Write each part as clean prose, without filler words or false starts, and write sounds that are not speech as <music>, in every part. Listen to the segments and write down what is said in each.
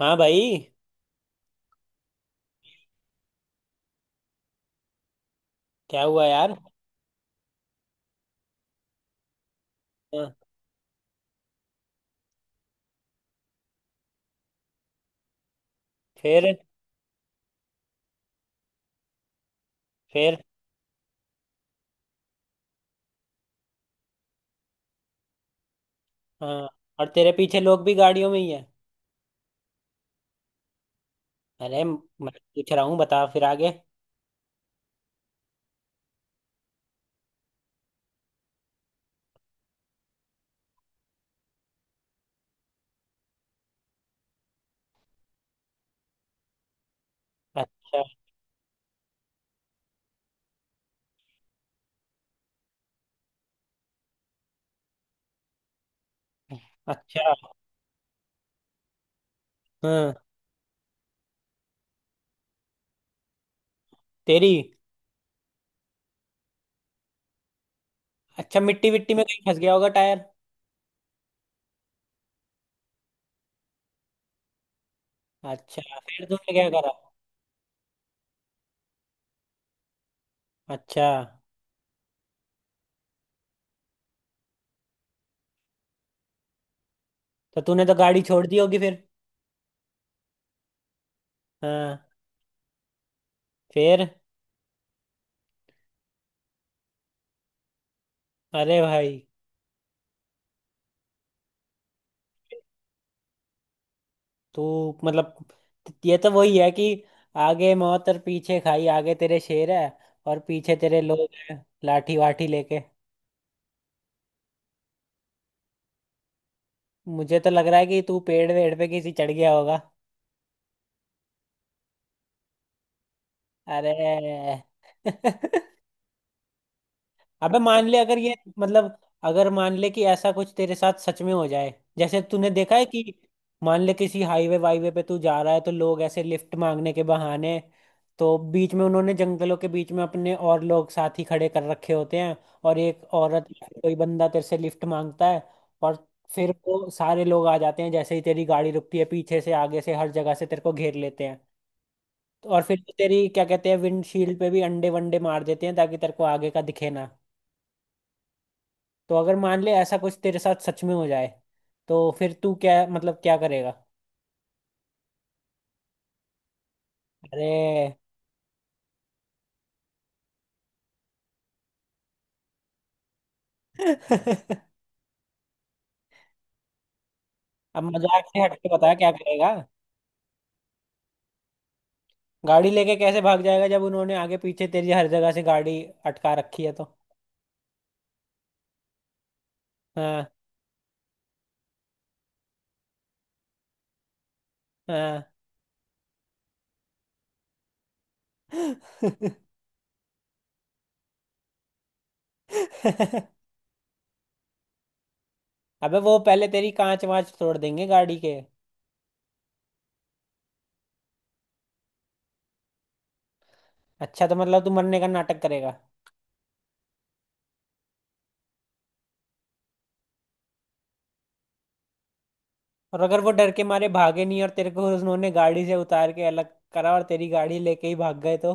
हाँ भाई। क्या हुआ यार? हाँ। फिर? फिर? हाँ। और तेरे पीछे लोग भी गाड़ियों में ही है? अरे मैं पूछ रहा हूँ, बता फिर आगे। अच्छा। अच्छा। हाँ। तेरी? अच्छा, मिट्टी विट्टी में कहीं फंस गया होगा टायर। अच्छा फिर तूने क्या करा? अच्छा। तो तूने तो गाड़ी छोड़ दी होगी फिर। हाँ। फिर? अरे भाई! तू, मतलब, ये तो वही है कि आगे मौत और पीछे खाई। आगे तेरे शेर है और पीछे तेरे लोग हैं लाठी वाठी लेके। मुझे तो लग रहा है कि तू पेड़ वेड़ पे किसी चढ़ गया होगा। अरे <laughs> अबे मान ले अगर ये, मतलब, अगर मान ले कि ऐसा कुछ तेरे साथ सच में हो जाए, जैसे तूने देखा है कि, मान ले किसी हाईवे वाईवे पे तू जा रहा है तो लोग ऐसे लिफ्ट मांगने के बहाने, तो बीच में उन्होंने जंगलों के बीच में अपने और लोग साथी खड़े कर रखे होते हैं, और एक औरत या फिर कोई बंदा तेरे से लिफ्ट मांगता है। और फिर वो सारे लोग आ जाते हैं जैसे ही तेरी गाड़ी रुकती है, पीछे से आगे से हर जगह से तेरे को घेर लेते हैं। तो और फिर वो तेरी क्या कहते हैं, विंडशील्ड पे भी अंडे वंडे मार देते हैं ताकि तेरे को आगे का दिखे ना। तो अगर मान ले ऐसा कुछ तेरे साथ सच में हो जाए तो फिर तू क्या, मतलब, क्या करेगा? अरे <laughs> अब मजाक से हट के बता क्या करेगा। गाड़ी लेके कैसे भाग जाएगा जब उन्होंने आगे पीछे तेरी हर जगह से गाड़ी अटका रखी है तो? हाँ। हाँ। <laughs> अबे वो पहले तेरी कांच वांच तोड़ देंगे गाड़ी के। अच्छा तो मतलब तू मरने का नाटक करेगा। और अगर वो डर के मारे भागे नहीं और तेरे को उन्होंने गाड़ी से उतार के अलग करा और तेरी गाड़ी लेके ही भाग गए तो?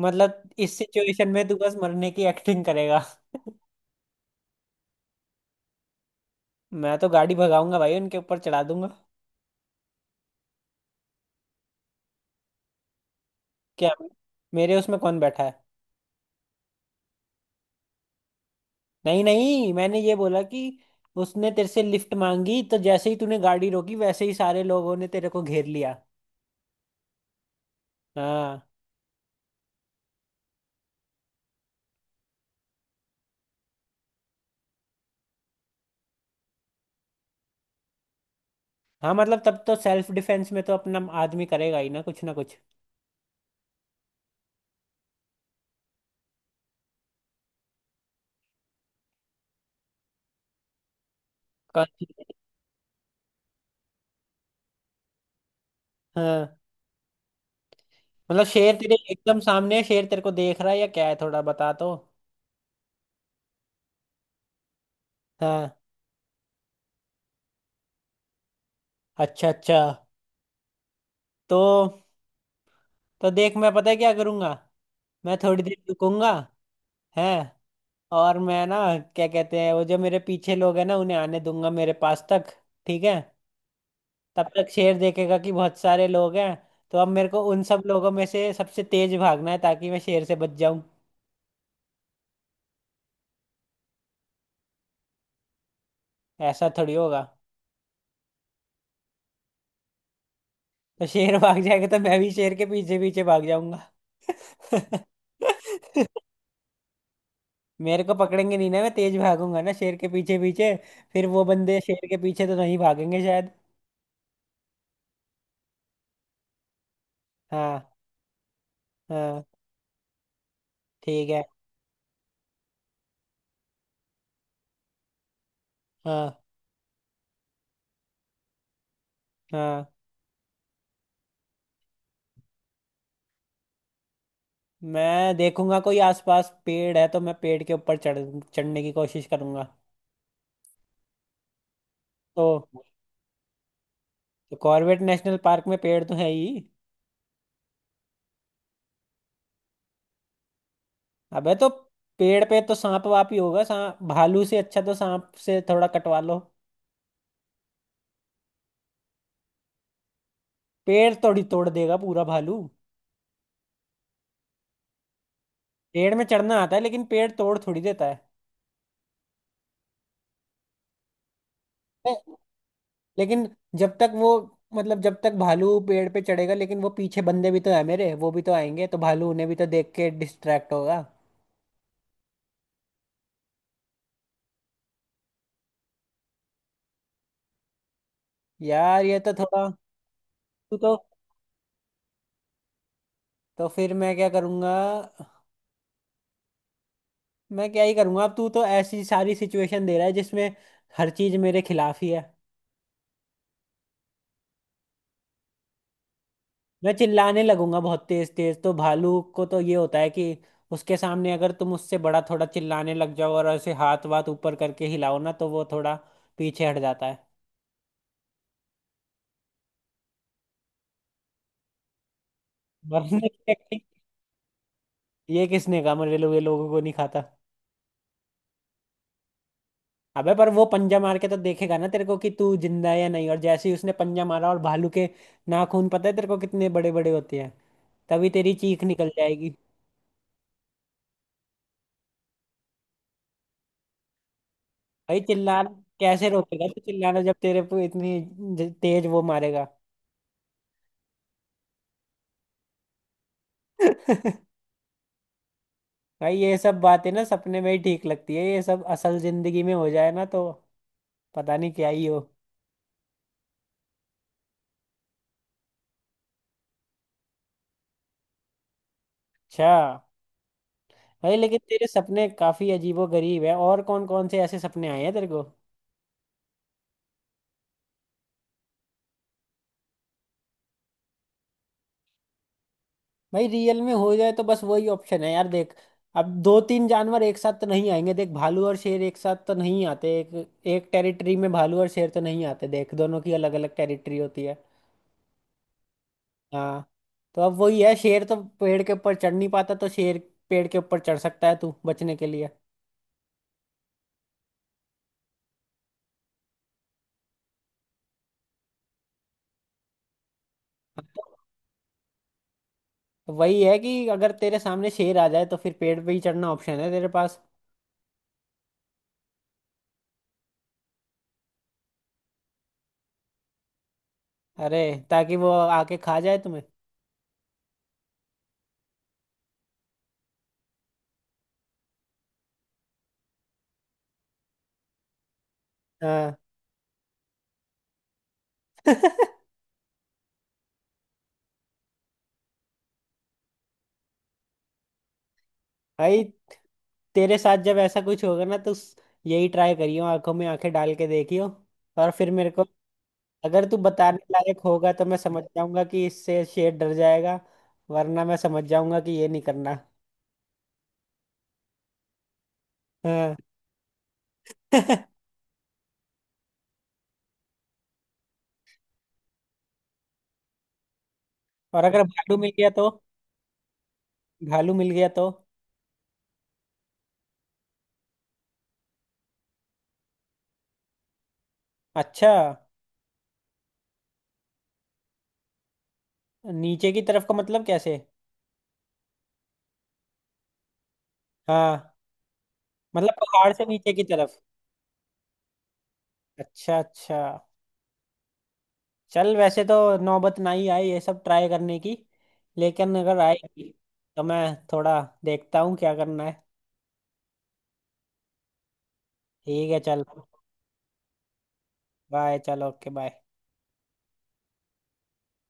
मतलब इस सिचुएशन में तू बस मरने की एक्टिंग करेगा? मैं तो गाड़ी भगाऊंगा भाई, उनके ऊपर चढ़ा दूंगा। क्या? मेरे उसमें कौन बैठा है? नहीं नहीं, मैंने ये बोला कि उसने तेरे से लिफ्ट मांगी, तो जैसे ही तूने गाड़ी रोकी वैसे ही सारे लोगों ने तेरे को घेर लिया। हाँ। हाँ मतलब तब तो सेल्फ डिफेंस में तो अपना आदमी करेगा ही ना कुछ ना कुछ। कौन-? हाँ मतलब शेर तेरे एकदम सामने है, शेर तेरे को देख रहा है या क्या है, थोड़ा बता तो। हाँ। अच्छा अच्छा। तो तो देख मैं पता है क्या करूंगा। मैं थोड़ी देर रुकूंगा। है। और मैं ना, क्या कहते हैं वो, जो मेरे पीछे लोग हैं ना उन्हें आने दूंगा मेरे पास तक। ठीक है। तब तक शेर देखेगा कि बहुत सारे लोग हैं। तो अब मेरे को उन सब लोगों में से सबसे तेज भागना है ताकि मैं शेर से बच जाऊं। ऐसा थोड़ी होगा। तो शेर <laughs> भाग जाएगा तो मैं भी शेर के पीछे पीछे भाग जाऊंगा। <laughs> मेरे को पकड़ेंगे नहीं ना, मैं तेज भागूंगा ना शेर के पीछे पीछे। फिर वो बंदे शेर के पीछे तो नहीं भागेंगे शायद। हाँ। हाँ। ठीक है। हाँ। हाँ। मैं देखूंगा कोई आसपास पेड़ है तो मैं पेड़ के ऊपर चढ़ने की कोशिश करूंगा। तो, तो कॉर्बेट नेशनल पार्क में पेड़ तो है ही। अबे तो पेड़ पे तो सांप वाप ही होगा, सांप भालू से अच्छा, तो सांप से थोड़ा कटवा लो। पेड़ थोड़ी तोड़ देगा पूरा भालू। पेड़ में चढ़ना आता है लेकिन पेड़ तोड़ थोड़ी देता है। लेकिन जब तक वो, मतलब, जब तक भालू पेड़ पे चढ़ेगा, लेकिन वो पीछे बंदे भी तो है मेरे, वो भी तो आएंगे तो भालू उन्हें भी तो देख के डिस्ट्रैक्ट होगा। यार ये तो थोड़ा, तू तो फिर मैं क्या करूँगा? मैं क्या ही करूँगा, अब तू तो ऐसी सारी सिचुएशन दे रहा है जिसमें हर चीज़ मेरे खिलाफ ही है। मैं चिल्लाने लगूंगा बहुत तेज तेज, तो भालू को तो ये होता है कि उसके सामने अगर तुम उससे बड़ा थोड़ा चिल्लाने लग जाओ और ऐसे हाथ वाथ ऊपर करके हिलाओ ना तो वो थोड़ा पीछे हट जाता है। वरना <laughs> ये किसने कहा मरे हुए लोगों को नहीं खाता? अबे पर वो पंजा मार के तो देखेगा ना तेरे को कि तू जिंदा है या नहीं, और जैसे ही उसने पंजा मारा, और भालू के नाखून पता है तेरे को कितने बड़े बड़े होते हैं, तभी तेरी चीख निकल जाएगी। भाई चिल्ला कैसे रोकेगा तू चिल्लाना जब तेरे पे इतनी ज- तेज वो मारेगा। <laughs> भाई ये सब बातें ना सपने में ही ठीक लगती है, ये सब असल जिंदगी में हो जाए ना तो पता नहीं क्या ही हो। अच्छा। भाई लेकिन तेरे सपने काफी अजीबो गरीब है, और कौन कौन से ऐसे सपने आए हैं तेरे को? भाई रियल में हो जाए तो बस वही ऑप्शन है यार, देख। अब दो तीन जानवर एक साथ तो नहीं आएंगे, देख भालू और शेर एक साथ तो नहीं आते, एक एक टेरिटरी में भालू और शेर तो नहीं आते, देख दोनों की अलग अलग टेरिटरी होती है। हाँ। तो अब वही है, शेर तो पेड़ के ऊपर चढ़ नहीं पाता, तो शेर पेड़ के ऊपर चढ़ सकता है तू बचने के लिए। हाँ। तो वही है कि अगर तेरे सामने शेर आ जाए तो फिर पेड़ पे ही चढ़ना ऑप्शन है तेरे पास। अरे, ताकि वो आके खा जाए तुम्हें। हाँ <laughs> भाई तेरे साथ जब ऐसा कुछ होगा ना तो स-, यही ट्राई करियो, आंखों में आंखें डाल के देखियो। और फिर मेरे को अगर तू बताने लायक होगा तो मैं समझ जाऊंगा कि इससे शेर डर जाएगा, वरना मैं समझ जाऊंगा कि ये नहीं करना। हाँ <laughs> और अगर भालू मिल गया तो? भालू मिल गया तो? अच्छा। नीचे की तरफ का मतलब कैसे? हाँ। मतलब पहाड़ से नीचे की तरफ? अच्छा अच्छा। चल वैसे तो नौबत ना ही आए ये सब ट्राई करने की, लेकिन अगर आएगी <laughs> तो मैं थोड़ा देखता हूँ क्या करना है। ठीक है चल। बाय चल, ओके बाय।